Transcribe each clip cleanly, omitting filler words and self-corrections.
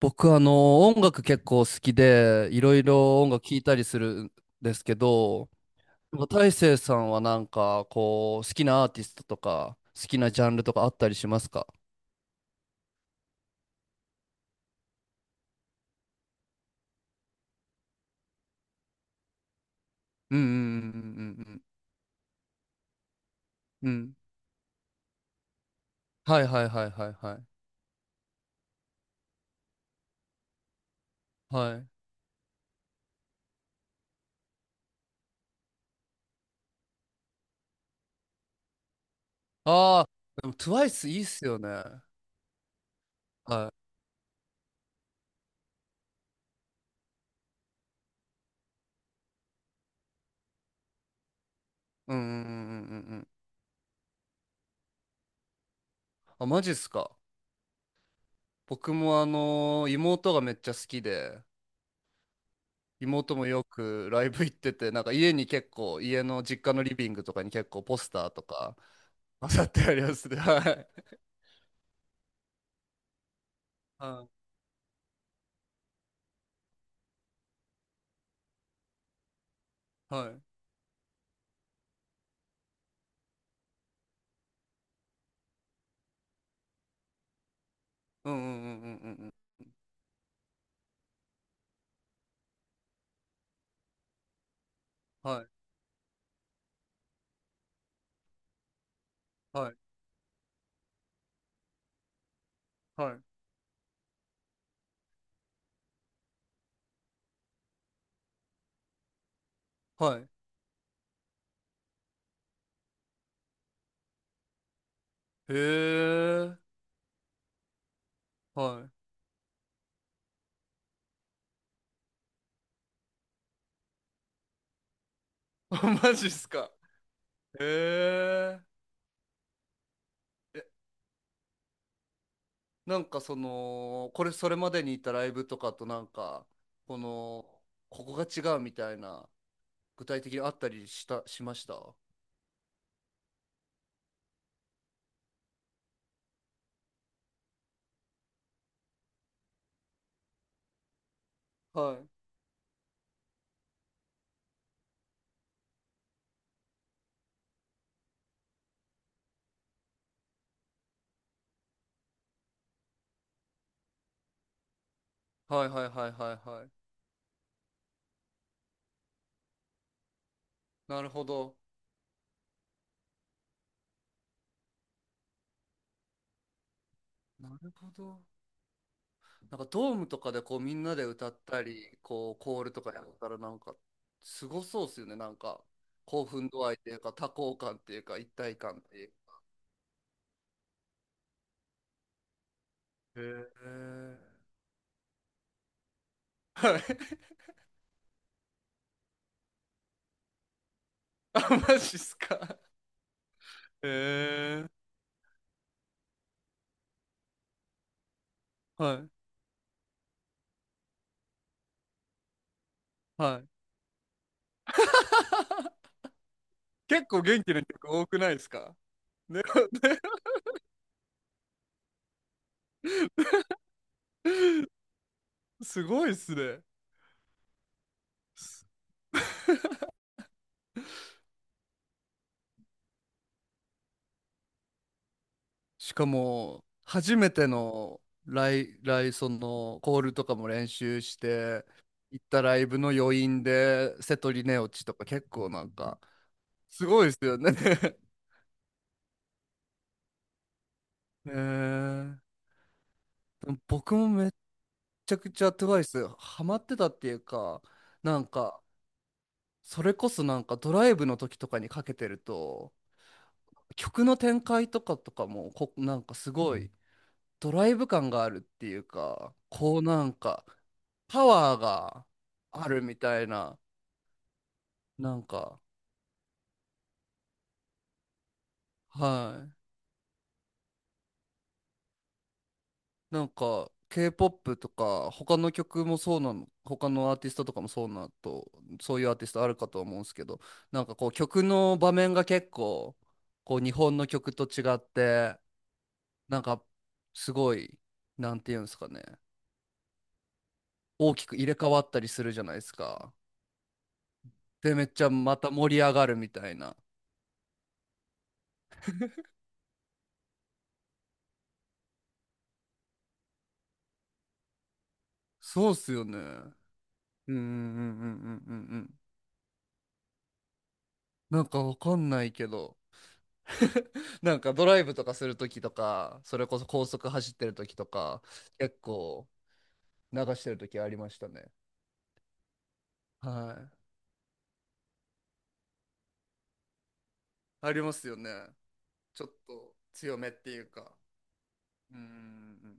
僕、音楽結構好きで、いろいろ音楽聴いたりするんですけど、なんか大成さんはなんか、好きなアーティストとか、好きなジャンルとかあったりしますか？うんうんうんうんうんうん。うん、はいはいはいはいはい。はい。ああ、でも TWICE いいっすよね。はい。うんうんうんうんうんうん。あ、マジっすか？僕も妹がめっちゃ好きで、妹もよく ライブ行ってて、なんか家に結構、家の実家のリビングとかに結構ポスターとか飾ってありますね。はい。はい。はい。うんうんうんうんうんうん。はい。はい。はい。はい。へえ。はい。マジっすか？へえ。え、これそれまでに行ったライブとかとなんか、この、ここが違うみたいな、具体的にあったりしました。はい。はいはいはいはいはい。なるほど。なるほど。なんかドームとかでこうみんなで歌ったり、こうコールとかやったらなんかすごそうですよね。なんか興奮度合いっていうか多幸感っていうか一体感っていう。へえ。はい。あ、マジっすか？へえ。はい。はい。結構元気な曲多くないですか？ね、ね すごいっすね。しかも、初めてのライ、ライ、その、コールとかも練習して、行ったライブの余韻で、セトリネオチとか結構なんか、すごいですよね。 えー、でも僕もめっちゃくちゃトゥワイスハマってたっていうか、なんか、それこそなんかドライブの時とかにかけてると、曲の展開とかもこ、なんかすごい、ドライブ感があるっていうか、こうなんか、パワーがあるみたいな、なんか、はい。なんか、K-POP とか、他の曲もそうなの、他のアーティストとかもそうなと、そういうアーティストあるかと思うんですけど、なんかこう、曲の場面が結構、こう、日本の曲と違って、なんか、すごい、なんていうんですかね、大きく入れ替わったりするじゃないですか。で、めっちゃまた盛り上がるみたいな。そうっすよね。うんうんうんうんうんうんうん。なんかわかんないけど。なんかドライブとかするときとか、それこそ高速走ってるときとか、結構流してるときありましたね。はい。ありますよね。ちょっと強めっていうか。うんうんうん。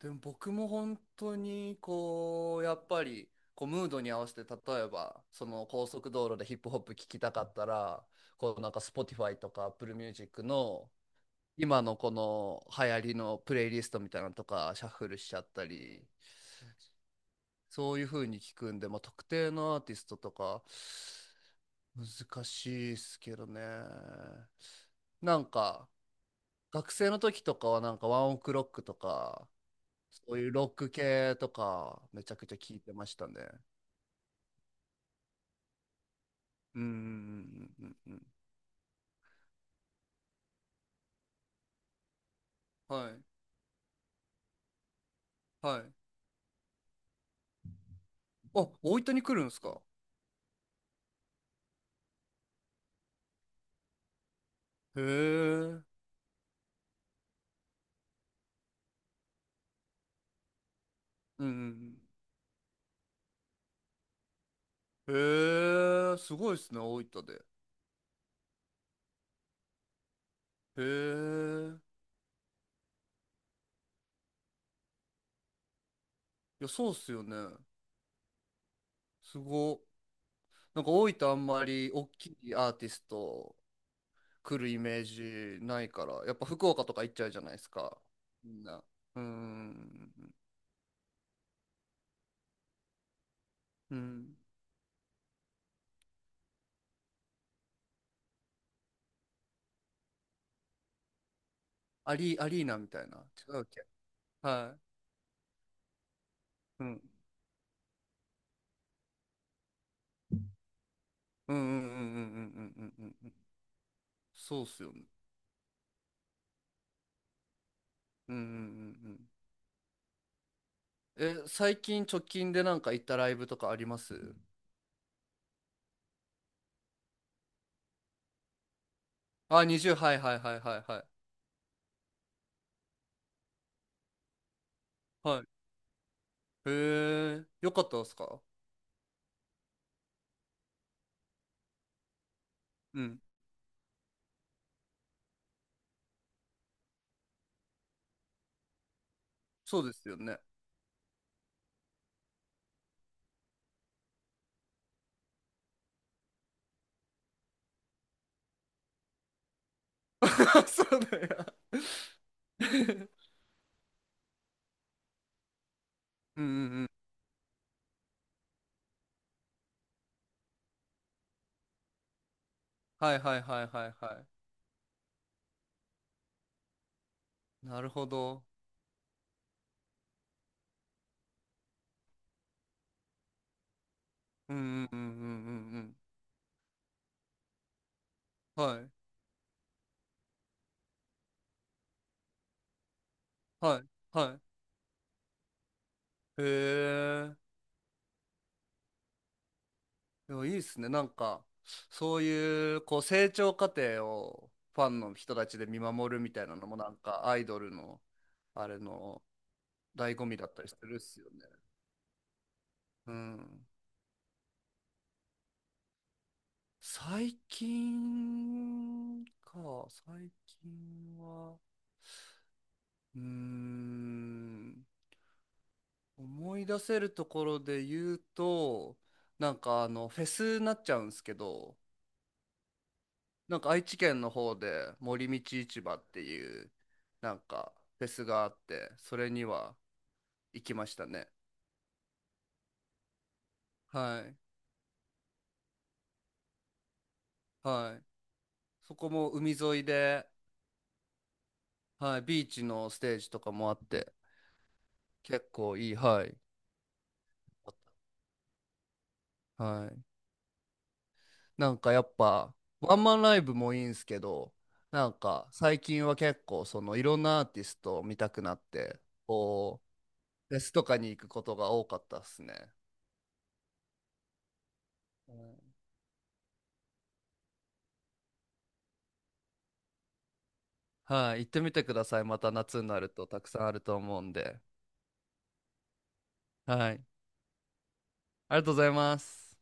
でも僕も本当にこう、やっぱりこうムードに合わせて、例えばその高速道路でヒップホップ聴きたかったら、こうなんか Spotify とか Apple Music の今のこの流行りのプレイリストみたいなのとかシャッフルしちゃったり、そういう風に聞くんで、まあ、特定のアーティストとか難しいっすけどね。なんか学生の時とかはなんかワンオクロックとかそういうロック系とかめちゃくちゃ聞いてましたね。うんうんうんうんうんうん。はいはい。あ、大分に来るんですか？へえ。うんうんうん。へえ、すごいっすね、大分で。へえ。いや、そうっすよね。すご。なんか大分あんまり大きいアーティスト来るイメージないから、やっぱ福岡とか行っちゃうじゃないですか。みんな。うーん。うん。アリーナみたいな。違うっけ。はい。うん。うんうんうんうんうんうんうんうんうん。そうっすよね。うんうんうんうん。え、最近直近でなんか行ったライブとかあります？あ、20、はいはいはいはいはい。はい。へえ、よかったですか？うん、そうですよね。そうだよ。うんうんうん。はいはいはいはいはい。なるほど。うんうんうんうんうんうん。はいはいはい。へえ。でもいいですね。なんか、そういう、こう、成長過程をファンの人たちで見守るみたいなのも、なんか、アイドルの、あれの、醍醐味だったりするっすよね。うん。最近か、最近は。うーん、思い出せるところで言うと、なんかあの、フェスになっちゃうんですけど、なんか愛知県の方で森道市場っていう、なんかフェスがあって、それには行きましたね。はい。はい。そこも海沿いで、はい、ビーチのステージとかもあって、結構いい、はい。はい。なんかやっぱワンマンライブもいいんすけど、なんか最近は結構そのいろんなアーティストを見たくなって、こうフェスとかに行くことが多かったっすね。うん、はい、行ってみてください。また夏になるとたくさんあると思うんで。はい、ありがとうございます。